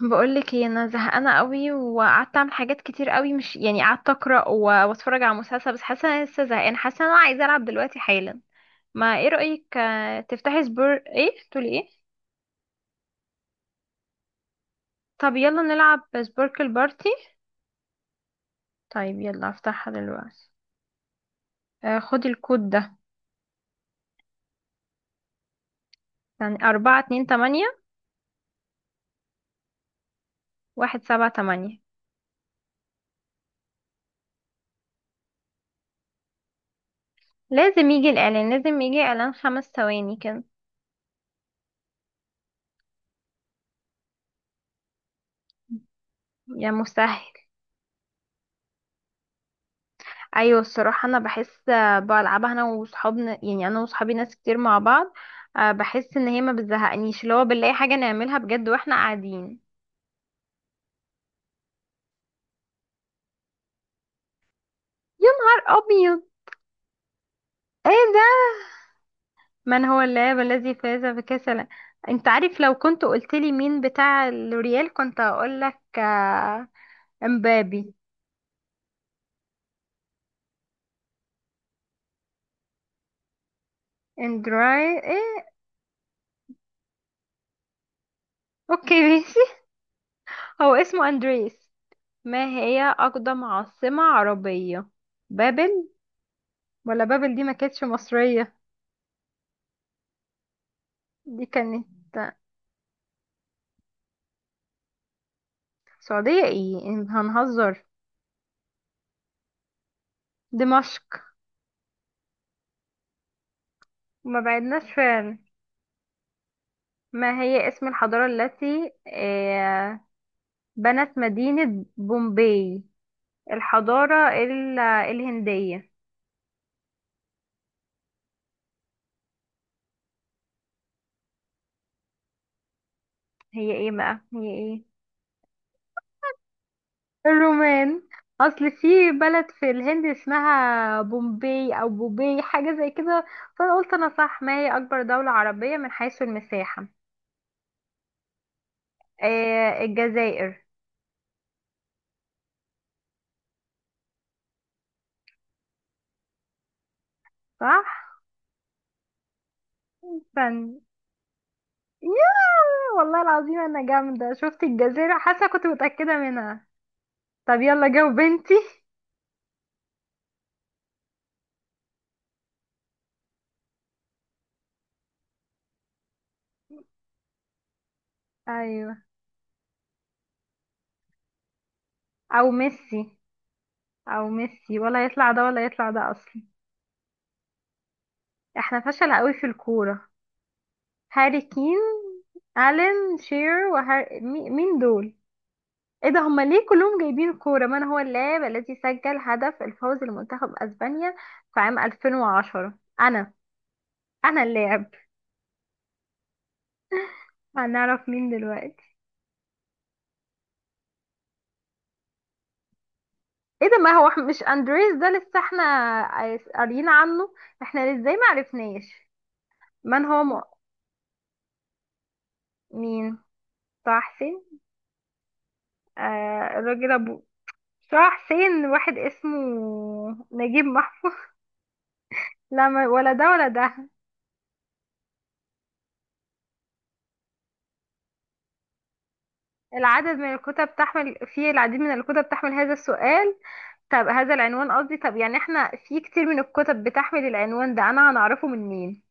بقولك ايه؟ انا زهقانه قوي، وقعدت اعمل حاجات كتير قوي، مش يعني قعدت اقرا واتفرج على مسلسل، بس حاسه إن انا لسه زهقانه. حاسه إن انا عايزه العب دلوقتي حالا. ما ايه رايك؟ تفتحي سبور، ايه تقولي ايه؟ طب يلا نلعب سبوركل بارتي. طيب يلا افتحها دلوقتي. خدي الكود ده. يعني 4 2 8، 1 7 8. لازم يجي الإعلان، لازم يجي إعلان 5 ثواني كده. يا مسهل. ايوه الصراحه انا بحس، بلعبها انا وصحابنا، يعني انا وصحابي ناس كتير مع بعض. بحس ان هي ما بتزهقنيش، اللي هو بنلاقي حاجه نعملها بجد واحنا قاعدين. يا نهار ابيض. ايه ده؟ من هو اللاعب الذي فاز بكاس الع- انت عارف لو كنت قلت لي مين بتاع الريال كنت هقول لك، امبابي. اندراي ايه؟ اوكي ماشي. هو اسمه اندريس. ما هي اقدم عاصمه عربيه؟ بابل. ولا بابل دي ما كانتش مصريه؟ دي كانت. سعودية ايه؟ هنهزر. دمشق. وما بعدناش فعلا. ما هي اسم الحضارة التي بنت مدينة بومباي؟ الحضارة الهندية. هي ايه بقى؟ هي ايه؟ الرومان. اصل في بلد في الهند اسمها بومباي او بوباي، حاجة زي كده. فانا قلت انا صح. ما هي اكبر دولة عربية من حيث المساحة؟ الجزائر. صح. فن. ياه والله العظيم انا جامدة، شفت الجزيرة حاسة كنت متأكدة منها. طب يلا جاوب بنتي. ايوه. او ميسي. او ميسي ولا يطلع ده ولا يطلع ده اصلا؟ احنا فشل قوي في الكورة. هاري كين. الين شير وهار... مي- مين دول؟ ايه ده؟ هما ليه كلهم جايبين كورة؟ من هو اللاعب الذي سجل هدف الفوز لمنتخب اسبانيا في عام 2010؟ انا. انا اللاعب. هنعرف مين دلوقتي. ايه ده؟ ما هو مش اندريس ده لسه احنا قاريين عنه؟ احنا ازاي ما عرفناش؟ من هو م... مين؟ طه حسين. آه الراجل ابو، طه حسين واحد اسمه، نجيب محفوظ. لا ولا ده ولا ده. العدد من الكتب تحمل، في العديد من الكتب تحمل هذا السؤال. طب هذا العنوان قصدي. طب يعني احنا في كتير من الكتب بتحمل العنوان ده، انا هنعرفه من مين؟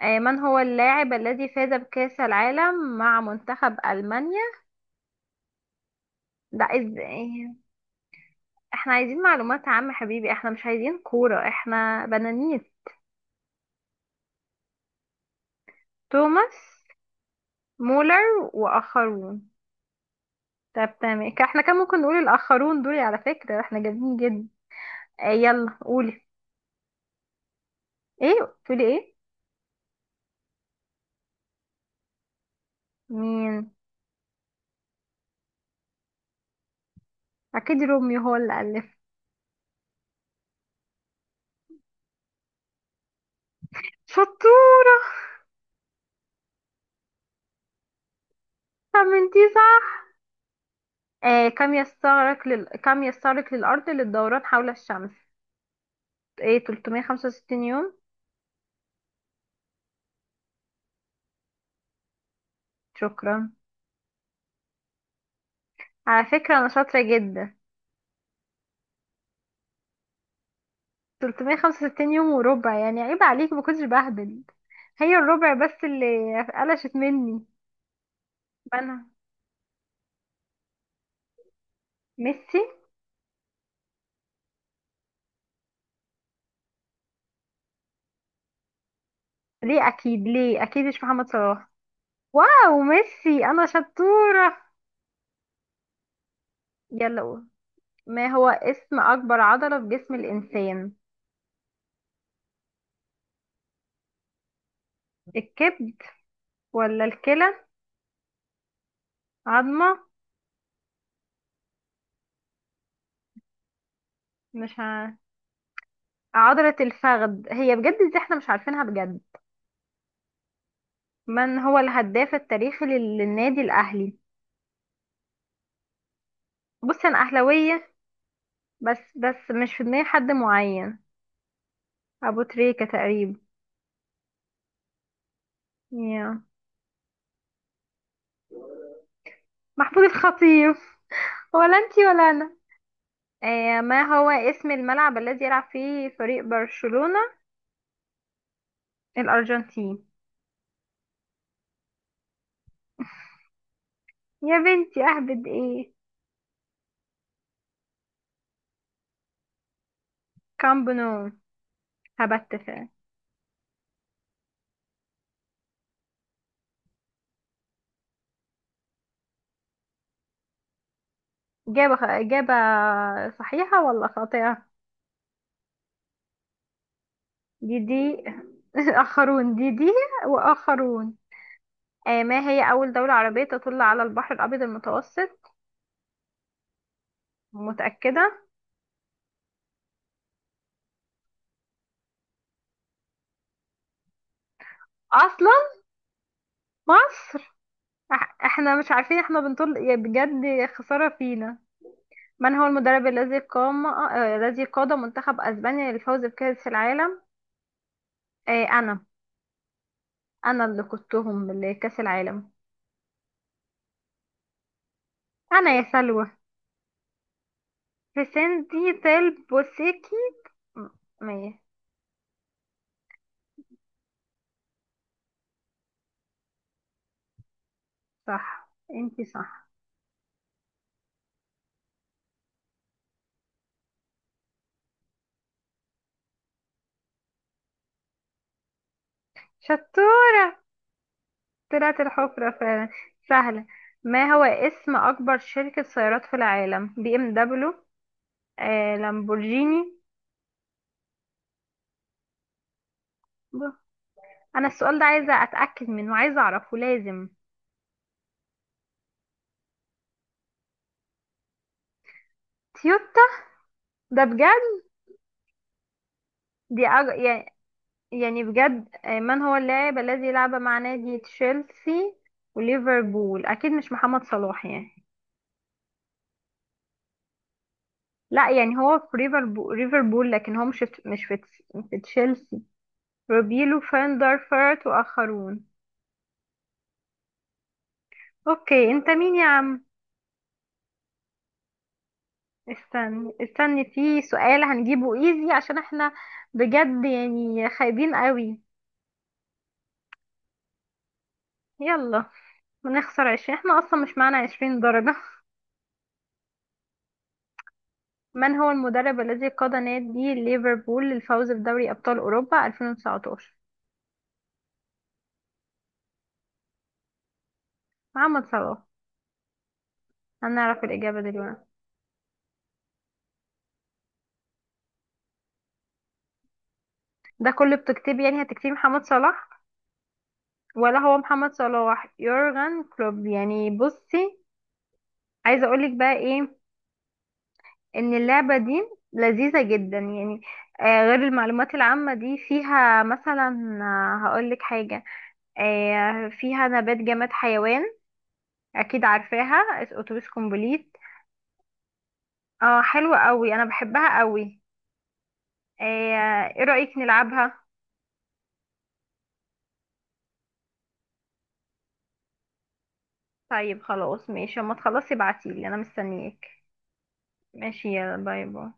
من هو اللاعب الذي فاز بكأس العالم مع منتخب ألمانيا؟ ده ازاي؟ احنا عايزين معلومات عامة حبيبي، احنا مش عايزين كورة، احنا بنانيس. توماس مولر وآخرون. طب تمام. احنا كان ممكن نقول الآخرون دول. على فكرة احنا جامدين جدا. اه يلا قولي. ايه تقولي ايه؟ مين؟ اكيد روميو هو اللي ألف. شطورة. طب انتي صح. اه كم يستغرق للأرض للدوران حول الشمس؟ ايه؟ 365 يوم. شكرا. على فكرة انا شاطرة جدا. 365 يوم وربع. يعني عيب عليك، ما كنتش بهبل، هي الربع بس اللي قلشت مني. انا. ميسي. ليه اكيد؟ ليه اكيد مش محمد صلاح؟ واو ميسي، انا شطورة. يلا قول. ما هو اسم اكبر عضلة في جسم الانسان؟ الكبد، ولا الكلى. عظمة. مش ع... عضلة الفخذ هي بجد. دي احنا مش عارفينها بجد. من هو الهداف التاريخي للنادي الاهلي؟ بص انا اهلاوية، بس بس مش في دماغي حد معين. أبو تريكة تقريبا. يا محمود الخطيب. ولا أنتي ولا أنا. آه ما هو اسم الملعب الذي يلعب فيه فريق برشلونة؟ الأرجنتين. يا بنتي أهبد إيه؟ كامب نو. هبت فعلا. إجابة صحيحة ولا خاطئة؟ دي دي. آخرون دي دي. وآخرون. آه ما هي أول دولة عربية تطل على البحر الأبيض المتوسط؟ متأكدة؟ أصلا. مصر. احنا مش عارفين، احنا بنطل، يا بجد خسارة فينا. من هو المدرب الذي قام، الذي قاد منتخب اسبانيا للفوز بكأس العالم؟ آه انا. انا اللي قودتهم لكأس العالم. انا يا سلوى. فيسنتي تيل بوسيكي. م- مية. صح. انتي صح. شطور. طلعت الحفرة فعلا. سهلة. ما هو اسم اكبر شركة سيارات في العالم؟ BMW. لامبورجيني. ب- انا السؤال ده عايزة اتأكد منه، عايزة اعرفه لازم. تويوتا. ده بجد. يعني يعني بجد. من هو اللاعب الذي لعب مع نادي تشيلسي وليفربول؟ اكيد مش محمد صلاح يعني. لا يعني هو في ليفربول ليفربول، لكن هو مش في مش في في تشيلسي. روبيلو فان دارفورت واخرون. اوكي. انت مين يا عم؟ استني استني في سؤال هنجيبه ايزي، عشان احنا بجد يعني خايبين قوي. يلا. بنخسر 20، احنا اصلا مش معانا 20 درجة. من هو المدرب الذي قاد نادي ليفربول للفوز بدوري أبطال أوروبا 2019؟ محمد صلاح. هنعرف الإجابة دلوقتي. ده كله بتكتبي يعني؟ هتكتبي محمد صلاح، ولا هو محمد صلاح يورغن كلوب؟ يعني بصي، عايزة أقولك بقى إيه. إن اللعبة دي لذيذة جدا يعني، غير المعلومات العامة دي فيها مثلا. هقولك حاجة. فيها نبات جماد حيوان، أكيد عارفاها. أتوبيس كومبليت. اه حلوة قوي انا بحبها قوي. ايه؟ إيه رأيك نلعبها؟ طيب خلاص ماشي، اما تخلصي ابعتيلي انا مستنياك. ماشي يلا باي باي.